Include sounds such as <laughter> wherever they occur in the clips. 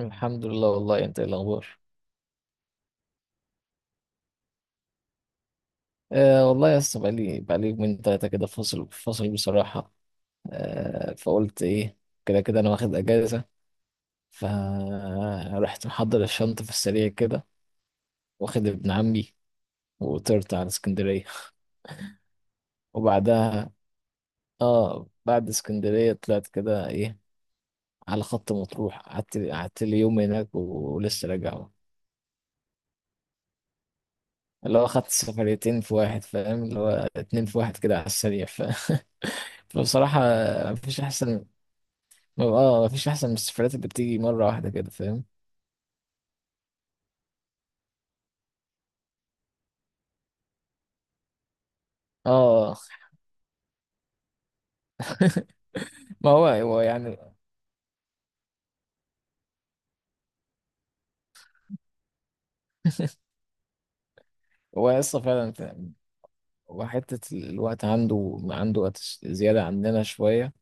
الحمد لله، والله انت ايه الاخبار؟ آه والله يا اسطى، بقالي يومين تلاتة كده، فاصل فاصل بصراحة. آه فقلت ايه، كده كده انا واخد اجازة، فرحت محضر الشنطة في السريع كده، واخد ابن عمي وطرت على اسكندرية. وبعدها اه بعد اسكندرية طلعت كده ايه على خط مطروح، قعدت لي يوم هناك ولسه راجع. اللي هو خدت سفريتين في واحد، فاهم اللي هو؟ اتنين في واحد كده على السريع <laughs> فبصراحة مفيش أحسن. اه مفيش احسن من السفرات اللي بتيجي مره واحده كده، فاهم؟ اه ما هو هو يعني. هو قصه فعلا وحته الوقت عنده وقت زياده عننا شويه.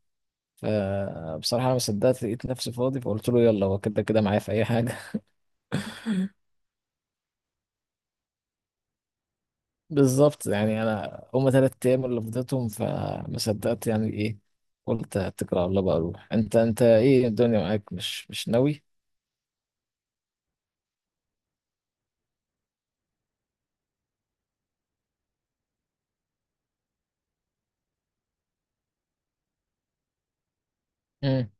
فبصراحه انا ما صدقت، لقيت نفسي فاضي فقلت له يلا، هو كده كده معايا في اي حاجه. <laughs> بالظبط يعني، انا هما تلات ايام اللي فضيتهم، فما صدقت يعني ايه. قلت اتكل على الله بقى اروح، انت ايه الدنيا معاك، مش ناوي؟ مم.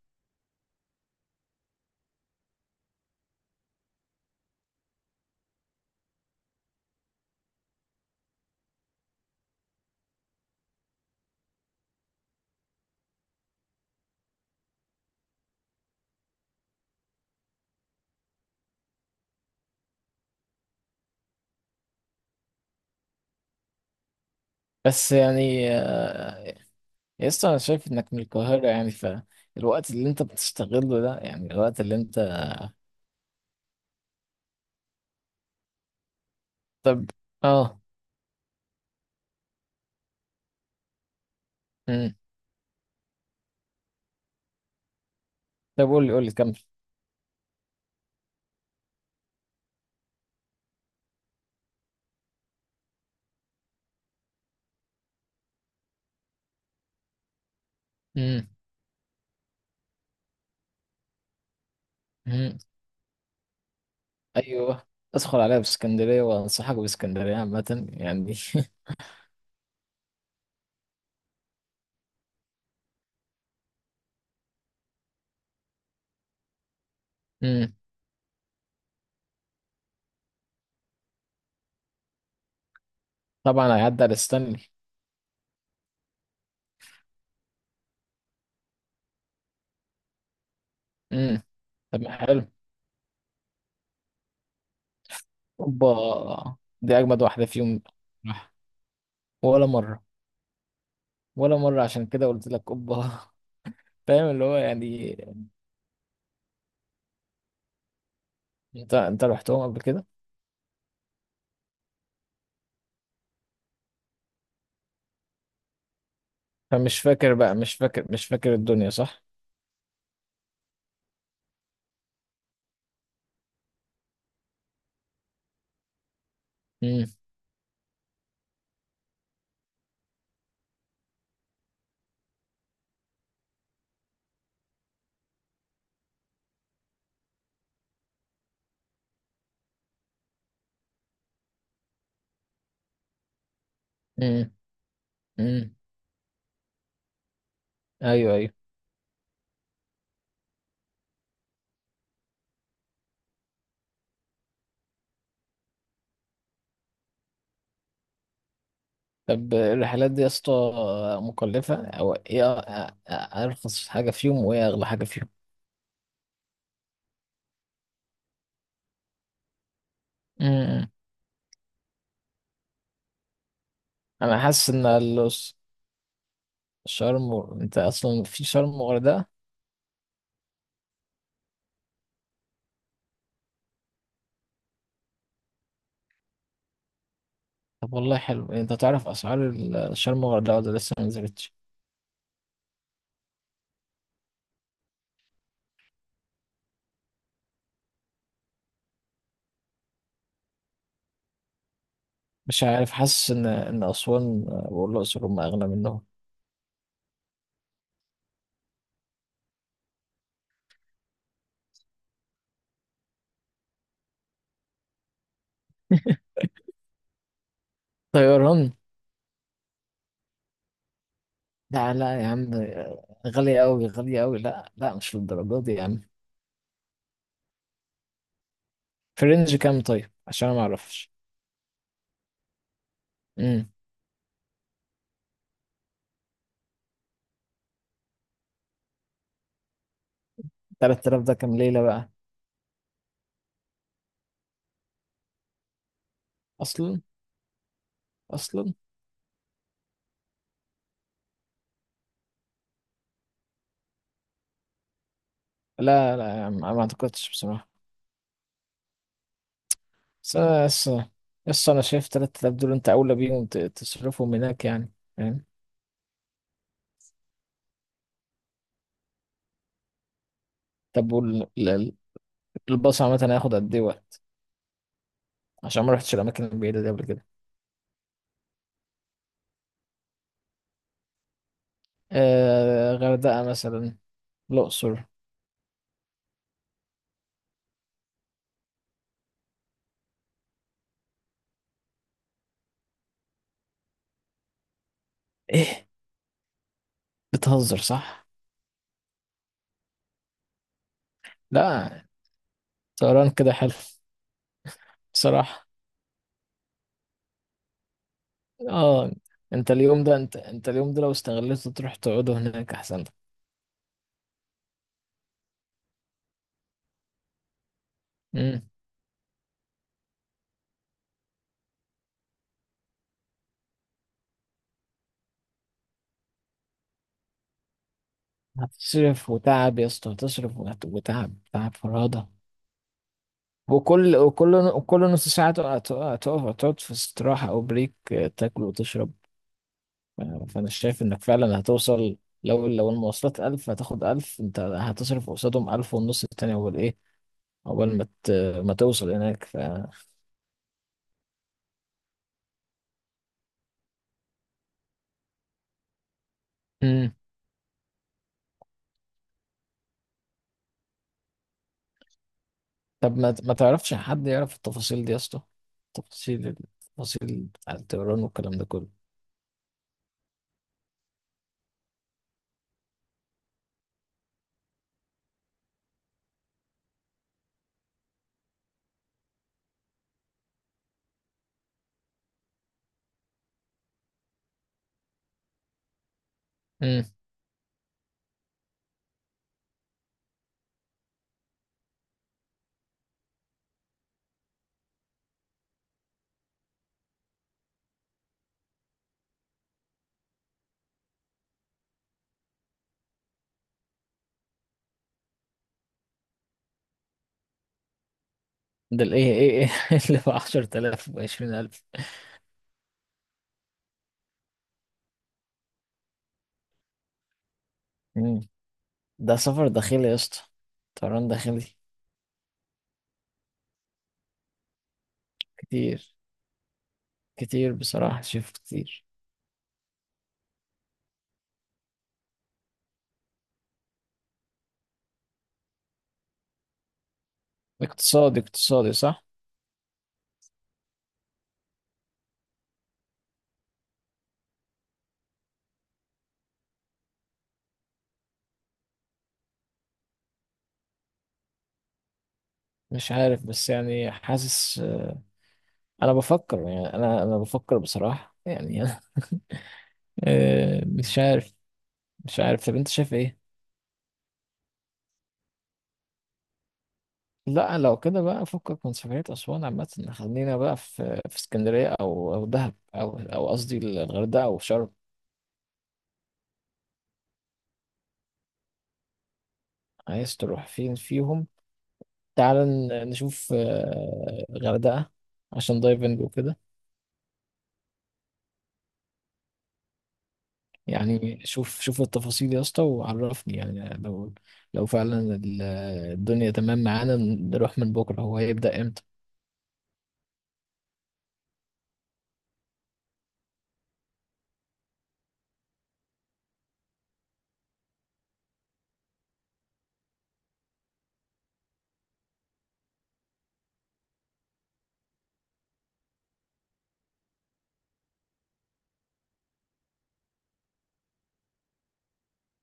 بس يعني يسطا انا شايف انك من القاهرة يعني، فالوقت اللي انت بتشتغله ده يعني الوقت اللي انت. طب اه. مم. طب قول لي كمل. مم. مم. ايوه، ادخل عليا باسكندرية، وانصحك باسكندرية عامة يعني. <laughs> مم. طبعا هيعدي على ستانلي. مم. طب ما حلو. اوبا، دي اجمد واحدة فيهم. راح. ولا مرة. ولا مرة، عشان كده قلت لك اوبا. <laughs> فاهم اللي هو يعني. انت رحتهم قبل كده؟ فمش فاكر بقى، مش فاكر، مش فاكر الدنيا، صح. امم. امم. ايوه ايوه. طب الرحلات دي يا اسطى مكلفه او ايه؟ ارخص حاجه فيهم، وايه اغلى حاجه فيهم؟ امم. انا حاسس ان شرم انت اصلا في شرم وغردقه. طب والله حلو، انت تعرف اسعار شرم وغردقه ولا لسه ما نزلتش؟ مش عارف، حاسس ان ان اسوان والاقصر هم اغلى منهم. <laughs> طيران. لا لا يا عم، غالية أوي غالية أوي، لا لا مش للدرجة دي يا عم. في رينج كام طيب، عشان ما أعرفش؟ 3000 ده كام ليلة بقى أصلا؟ أصلا لا لا يا عم، ما أعتقدش بصراحة. بس أنا بس، بس أنا شايف 3000 دول أنت أولى بيهم تصرفهم هناك يعني، فاهم؟ طب والباص عامة هياخد قد إيه وقت؟ عشان ما رحتش الأماكن البعيدة دي قبل كده. آه غردقة مثلا، الأقصر. إيه، بتهزر صح؟ لا، طيران كده حلو بصراحة. آه أنت اليوم ده، أنت اليوم ده لو استغليته تروح تقعده هناك أحسن لك. هتصرف وتعب يا اسطى، هتصرف وتعب، تعب فرهدة. وكل وكل نص ساعة تقف، تقعد في استراحة أو بريك، تاكل وتشرب. فأنا شايف إنك فعلا هتوصل. لو المواصلات ألف، هتاخد ألف، أنت هتصرف قصادهم ألف ونص التاني. أول إيه، أول ما ت- ما توصل هناك ف. مم. طب ما تعرفش حد يعرف التفاصيل دي يا اسطى؟ تفاصيل، التفاصيل بتاع الطيران والكلام ده كله. مم. ده الإيه إيه إيه <laughs> اللي ب 10000 و 20000؟ ده سفر داخلي يا اسطى، طيران داخلي. كتير، كتير بصراحة، شايف كتير. اقتصادي، اقتصادي صح. مش عارف بس يعني حاسس، انا بفكر يعني، انا بفكر بصراحة يعني. <laughs> انا مش عارف، مش عارف. طب انت شايف ايه؟ لا لو كده بقى فكك من سفرية أسوان عامة، خلينا بقى في اسكندرية أو دهب أو، أو قصدي الغردقة أو شرم. عايز تروح فين فيهم؟ تعال نشوف غردقة عشان دايفنج وكده. يعني شوف التفاصيل يا اسطى وعرفني يعني، لو لو فعلا الدنيا تمام معانا نروح من بكره، هو هيبدأ امتى؟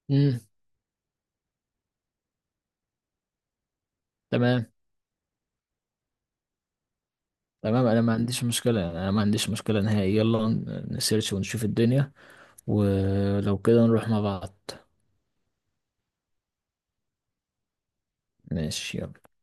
امم. تمام، تمام انا ما عنديش مشكله يعني، انا ما عنديش مشكله نهائي، يلا نسيرش ونشوف الدنيا، ولو كده نروح مع بعض. ماشي يلا.